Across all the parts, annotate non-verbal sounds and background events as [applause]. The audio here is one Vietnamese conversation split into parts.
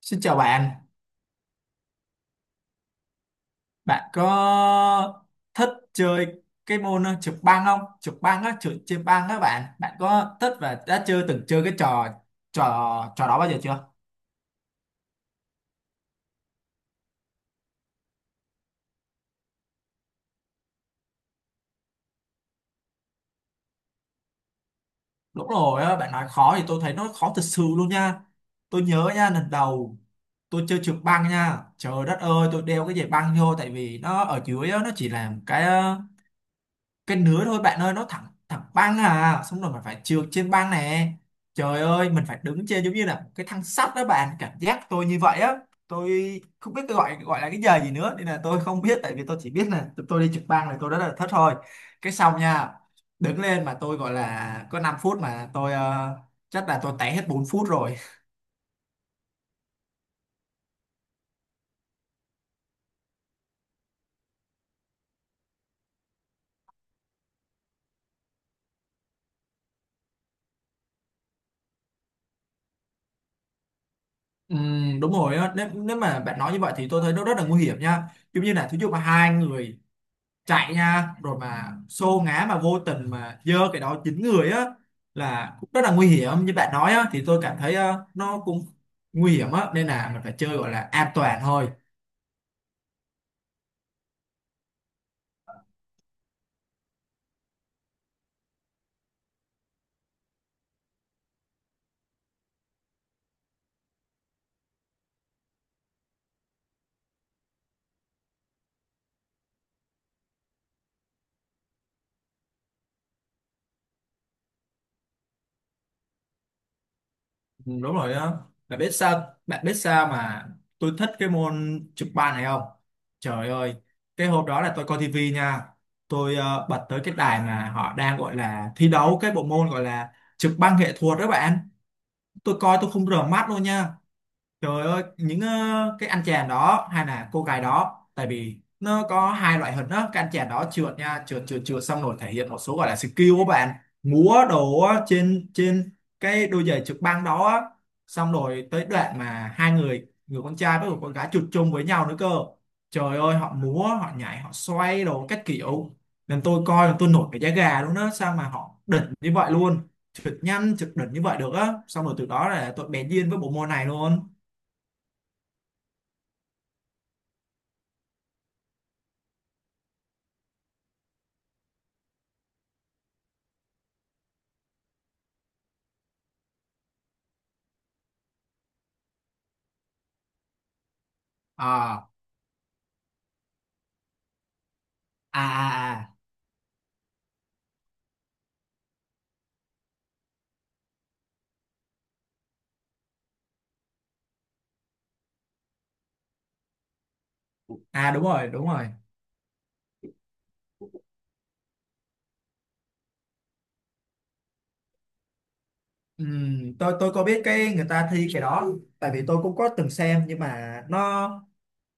Xin chào bạn, bạn có thích chơi cái môn trượt băng không? Trượt băng á, trượt trên băng á bạn, bạn có thích và đã chưa từng chơi cái trò trò trò đó bao giờ chưa? Đúng rồi á, bạn nói khó thì tôi thấy nó khó thật sự luôn nha. Tôi nhớ nha, lần đầu tôi chơi trượt băng nha, trời đất ơi, tôi đeo cái giày băng vô tại vì nó ở dưới á, nó chỉ là một cái nứa thôi bạn ơi, nó thẳng thẳng băng à, xong rồi mình phải trượt trên băng này. Trời ơi, mình phải đứng trên giống như là một cái thang sắt đó bạn, cảm giác tôi như vậy á. Tôi không biết cái gọi gọi là cái giờ gì nữa, nên là tôi không biết, tại vì tôi chỉ biết là tụi tôi đi trượt băng này, tôi đã là thất thôi. Cái xong nha, đứng lên mà tôi gọi là có 5 phút mà chắc là tôi té hết 4 phút rồi. Ừ, đúng rồi á. Nếu mà bạn nói như vậy thì tôi thấy nó rất là nguy hiểm nha, giống như là thí dụ mà hai người chạy nha, rồi mà xô ngã mà vô tình mà giơ cái đó dính người á là cũng rất là nguy hiểm như bạn nói á, thì tôi cảm thấy nó cũng nguy hiểm á, nên là mình phải chơi gọi là an toàn thôi. Ừ, đúng rồi á, bạn biết sao, bạn biết sao mà tôi thích cái môn chụp bàn này không? Trời ơi, cái hôm đó là tôi coi tivi nha, bật tới cái đài mà họ đang gọi là thi đấu cái bộ môn gọi là chụp băng nghệ thuật đó bạn. Tôi coi tôi không rửa mắt luôn nha. Trời ơi, cái anh chàng đó hay là cô gái đó, tại vì nó có hai loại hình đó, cái anh chàng đó trượt nha, trượt trượt trượt xong rồi thể hiện một số gọi là skill của bạn, múa đồ á, trên trên cái đôi giày trượt băng đó á. Xong rồi tới đoạn mà hai người, người con trai với người con gái trượt chung với nhau nữa cơ. Trời ơi, họ múa, họ nhảy, họ xoay đồ các kiểu. Nên tôi coi là tôi nổi cái da gà luôn đó, sao mà họ đỉnh như vậy luôn. Trượt nhanh, trượt đỉnh như vậy được á. Xong rồi từ đó là tôi bén duyên với bộ môn này luôn. à à à À, đúng rồi, đúng rồi. Tôi có biết cái người ta thi cái đó, tại vì tôi cũng có từng xem, nhưng mà nó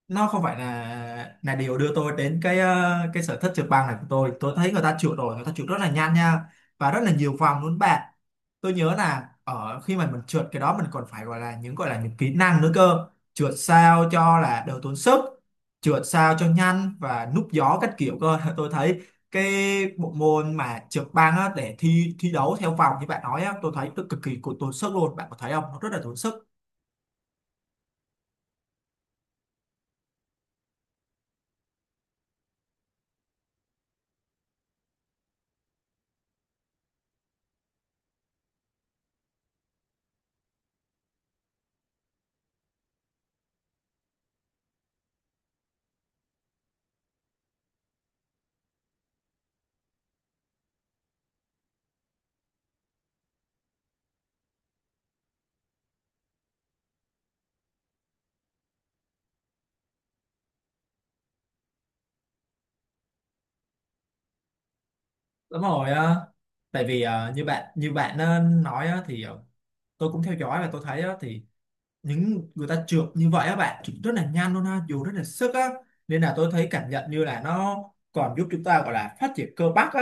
nó không phải là điều đưa tôi đến cái sở thích trượt băng này của tôi. Tôi thấy người ta trượt, rồi người ta trượt rất là nhanh nha, và rất là nhiều vòng luôn bạn. Tôi nhớ là ở khi mà mình trượt cái đó mình còn phải gọi là những, gọi là những kỹ năng nữa cơ. Trượt sao cho là đỡ tốn sức, trượt sao cho nhanh và núp gió các kiểu cơ. [laughs] Tôi thấy cái bộ môn mà trượt băng á, để thi thi đấu theo vòng như bạn nói á, tôi thấy cực kỳ tốn sức luôn, bạn có thấy không, nó rất là tốn sức. Đúng rồi á, tại vì à, như bạn nói á, thì tôi cũng theo dõi và tôi thấy á, thì những người ta trượt như vậy á bạn, trượt rất là nhanh luôn ha, dù rất là sức á, nên là tôi thấy cảm nhận như là nó còn giúp chúng ta gọi là phát triển cơ bắp á,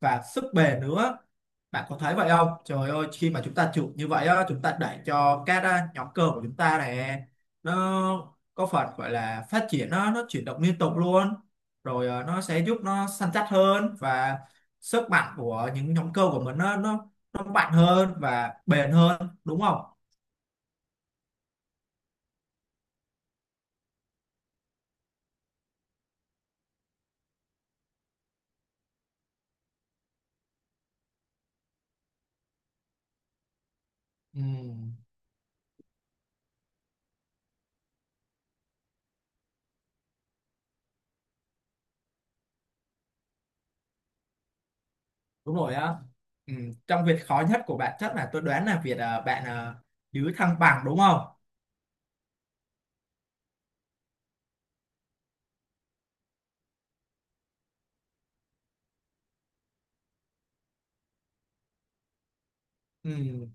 và sức bền nữa. Bạn có thấy vậy không? Trời ơi, khi mà chúng ta trượt như vậy á, chúng ta đẩy cho các à, nhóm cơ của chúng ta này nó có phần gọi là phát triển, nó chuyển động liên tục luôn, rồi nó sẽ giúp nó săn chắc hơn, và sức mạnh của những nhóm cơ của mình nó mạnh hơn và bền hơn, đúng không? Ừ. Đúng rồi á. Ừ, trong việc khó nhất của bạn chắc là tôi đoán là việc à, bạn à, giữ thăng bằng đúng không? Ừ,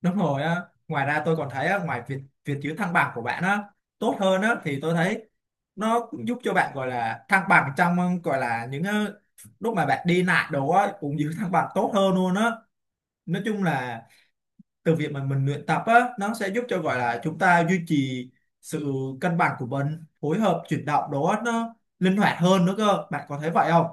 đúng rồi á. Ngoài ra tôi còn thấy á, ngoài việc việc giữ thăng bằng của bạn á tốt hơn á, thì tôi thấy nó cũng giúp cho bạn gọi là thăng bằng trong gọi là lúc mà bạn đi lại đồ á cũng giữ thăng bằng tốt hơn luôn á. Nói chung là từ việc mà mình luyện tập á, nó sẽ giúp cho gọi là chúng ta duy trì sự cân bằng của mình, phối hợp chuyển động đó nó linh hoạt hơn nữa cơ. Bạn có thấy vậy không?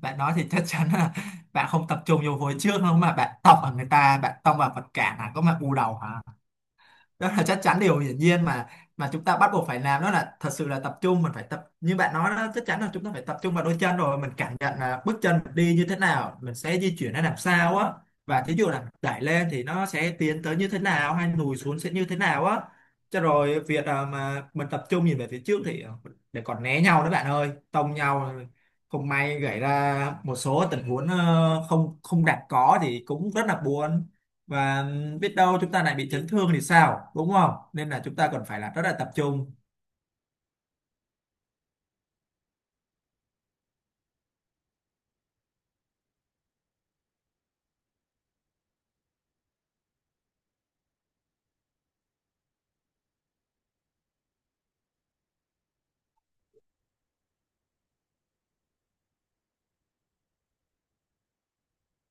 Bạn nói thì chắc chắn là bạn không tập trung vô hồi trước đâu, mà bạn tông vào người ta, bạn tông vào vật cản hả, có mà u đầu hả? Đó là chắc chắn điều hiển nhiên mà chúng ta bắt buộc phải làm đó là thật sự là tập trung. Mình phải tập như bạn nói đó, chắc chắn là chúng ta phải tập trung vào đôi chân, rồi mình cảm nhận là bước chân mình đi như thế nào, mình sẽ di chuyển ra làm sao á, và thí dụ là đẩy lên thì nó sẽ tiến tới như thế nào, hay lùi xuống sẽ như thế nào á. Cho rồi việc à, mà mình tập trung nhìn về phía trước thì để còn né nhau đó bạn ơi, tông nhau không may gãy ra một số tình huống không không đạt có thì cũng rất là buồn, và biết đâu chúng ta lại bị chấn thương thì sao, đúng không? Nên là chúng ta cần phải là rất là tập trung.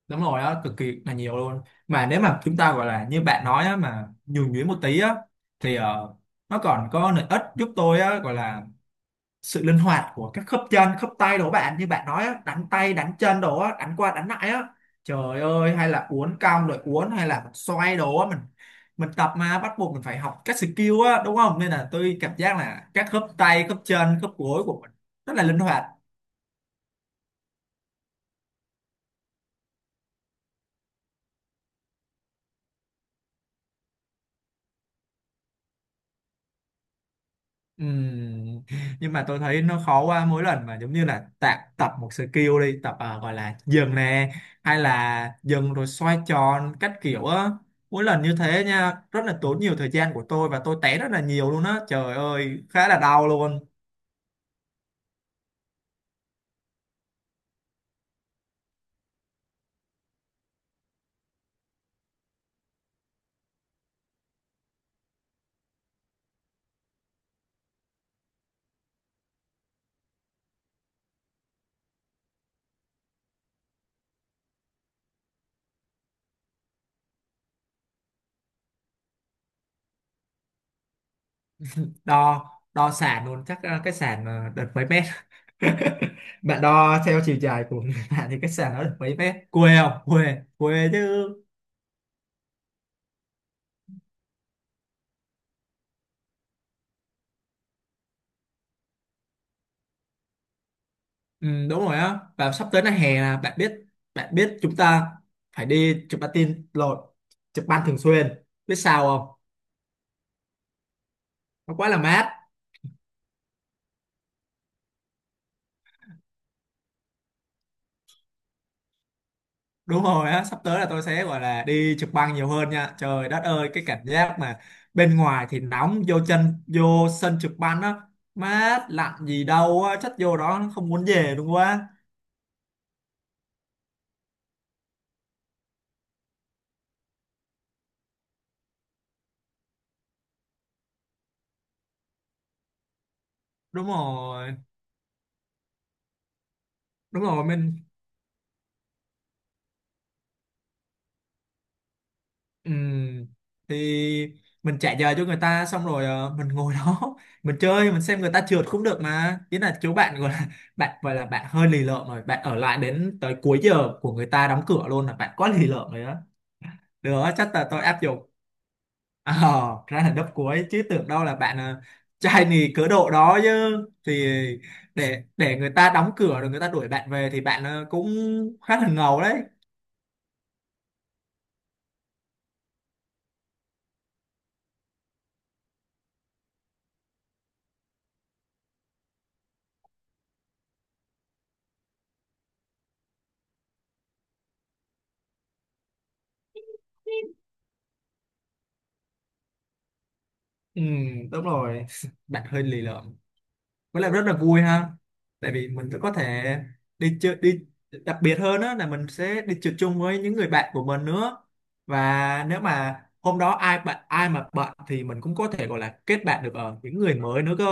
Đúng rồi đó, cực kỳ là nhiều luôn. Mà nếu mà chúng ta gọi là như bạn nói á, mà nhường nhuyễn một tí á, thì nó còn có lợi ích giúp tôi á, gọi là sự linh hoạt của các khớp chân khớp tay đó bạn, như bạn nói á, đánh tay đánh chân đó, đánh qua đánh lại á. Trời ơi, hay là uốn cong rồi uốn, hay là mình xoay đồ, mình tập mà bắt buộc mình phải học các skill á, đúng không? Nên là tôi cảm giác là các khớp tay khớp chân khớp gối của mình rất là linh hoạt. Ừm, nhưng mà tôi thấy nó khó, qua mỗi lần mà giống như là tập tập một skill, đi tập à, gọi là dừng nè, hay là dừng rồi xoay tròn các kiểu á, mỗi lần như thế nha rất là tốn nhiều thời gian của tôi, và tôi té rất là nhiều luôn á, trời ơi, khá là đau luôn. Đo đo sàn luôn chắc à, cái sàn à, được mấy mét? [laughs] Bạn đo theo chiều dài của người [laughs] bạn thì cái sàn nó được mấy mét, quê không, quê quê chứ? Ừ, đúng rồi á, và sắp tới là hè là bạn biết, bạn biết chúng ta phải đi chụp patin, tin lộn, chụp băng thường xuyên, biết sao không? Nó quá là mát. Đúng rồi á, sắp tới là tôi sẽ gọi là đi chụp băng nhiều hơn nha. Trời đất ơi, cái cảm giác mà bên ngoài thì nóng, vô chân vô sân chụp băng á mát lạnh gì đâu á, chất vô đó không muốn về luôn quá. Đúng rồi, đúng rồi mình. Ừ, thì mình trả giờ cho người ta, xong rồi mình ngồi đó [laughs] mình chơi, mình xem người ta trượt cũng được mà, ý là chú bạn gọi là [laughs] bạn gọi là bạn hơi lì lợm rồi, bạn ở lại đến tới cuối giờ của người ta đóng cửa luôn là bạn quá lì lợm rồi đó. Được, chắc là tôi áp dụng. Ờ, [laughs] ra là đớp cuối, chứ tưởng đâu là trai nì cớ độ đó chứ, thì để người ta đóng cửa rồi người ta đuổi bạn về thì bạn cũng khá là ngầu đấy. Ừ, đúng rồi. [laughs] Bạn hơi lì lợm, với lại rất là vui ha, tại vì mình cũng có thể đi chơi đi, đặc biệt hơn đó là mình sẽ đi trượt chung với những người bạn của mình nữa, và nếu mà hôm đó ai bạn ai mà bận thì mình cũng có thể gọi là kết bạn được ở những người mới nữa cơ,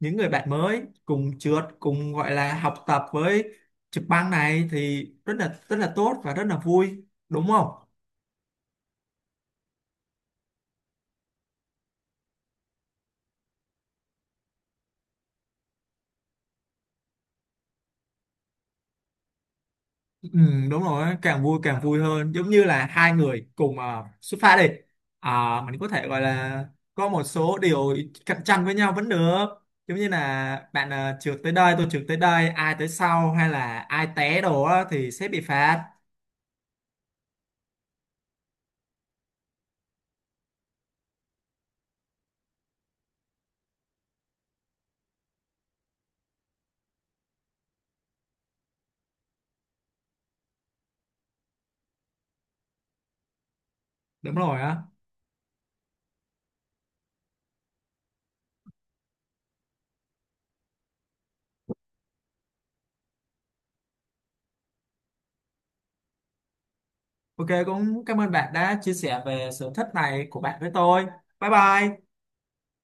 những người bạn mới cùng trượt cùng gọi là học tập với trực băng này, thì rất là tốt và rất là vui đúng không? Ừ, đúng rồi á, càng vui, càng vui hơn, giống như là hai người cùng à, xuất phát đi, à, mình có thể gọi là có một số điều cạnh tranh với nhau vẫn được, giống như là bạn à, trượt tới đây, tôi trượt tới đây, ai tới sau hay là ai té đồ á, thì sẽ bị phạt. Đúng rồi á. OK, cũng cảm ơn bạn đã chia sẻ về sở thích này của bạn với tôi. Bye bye.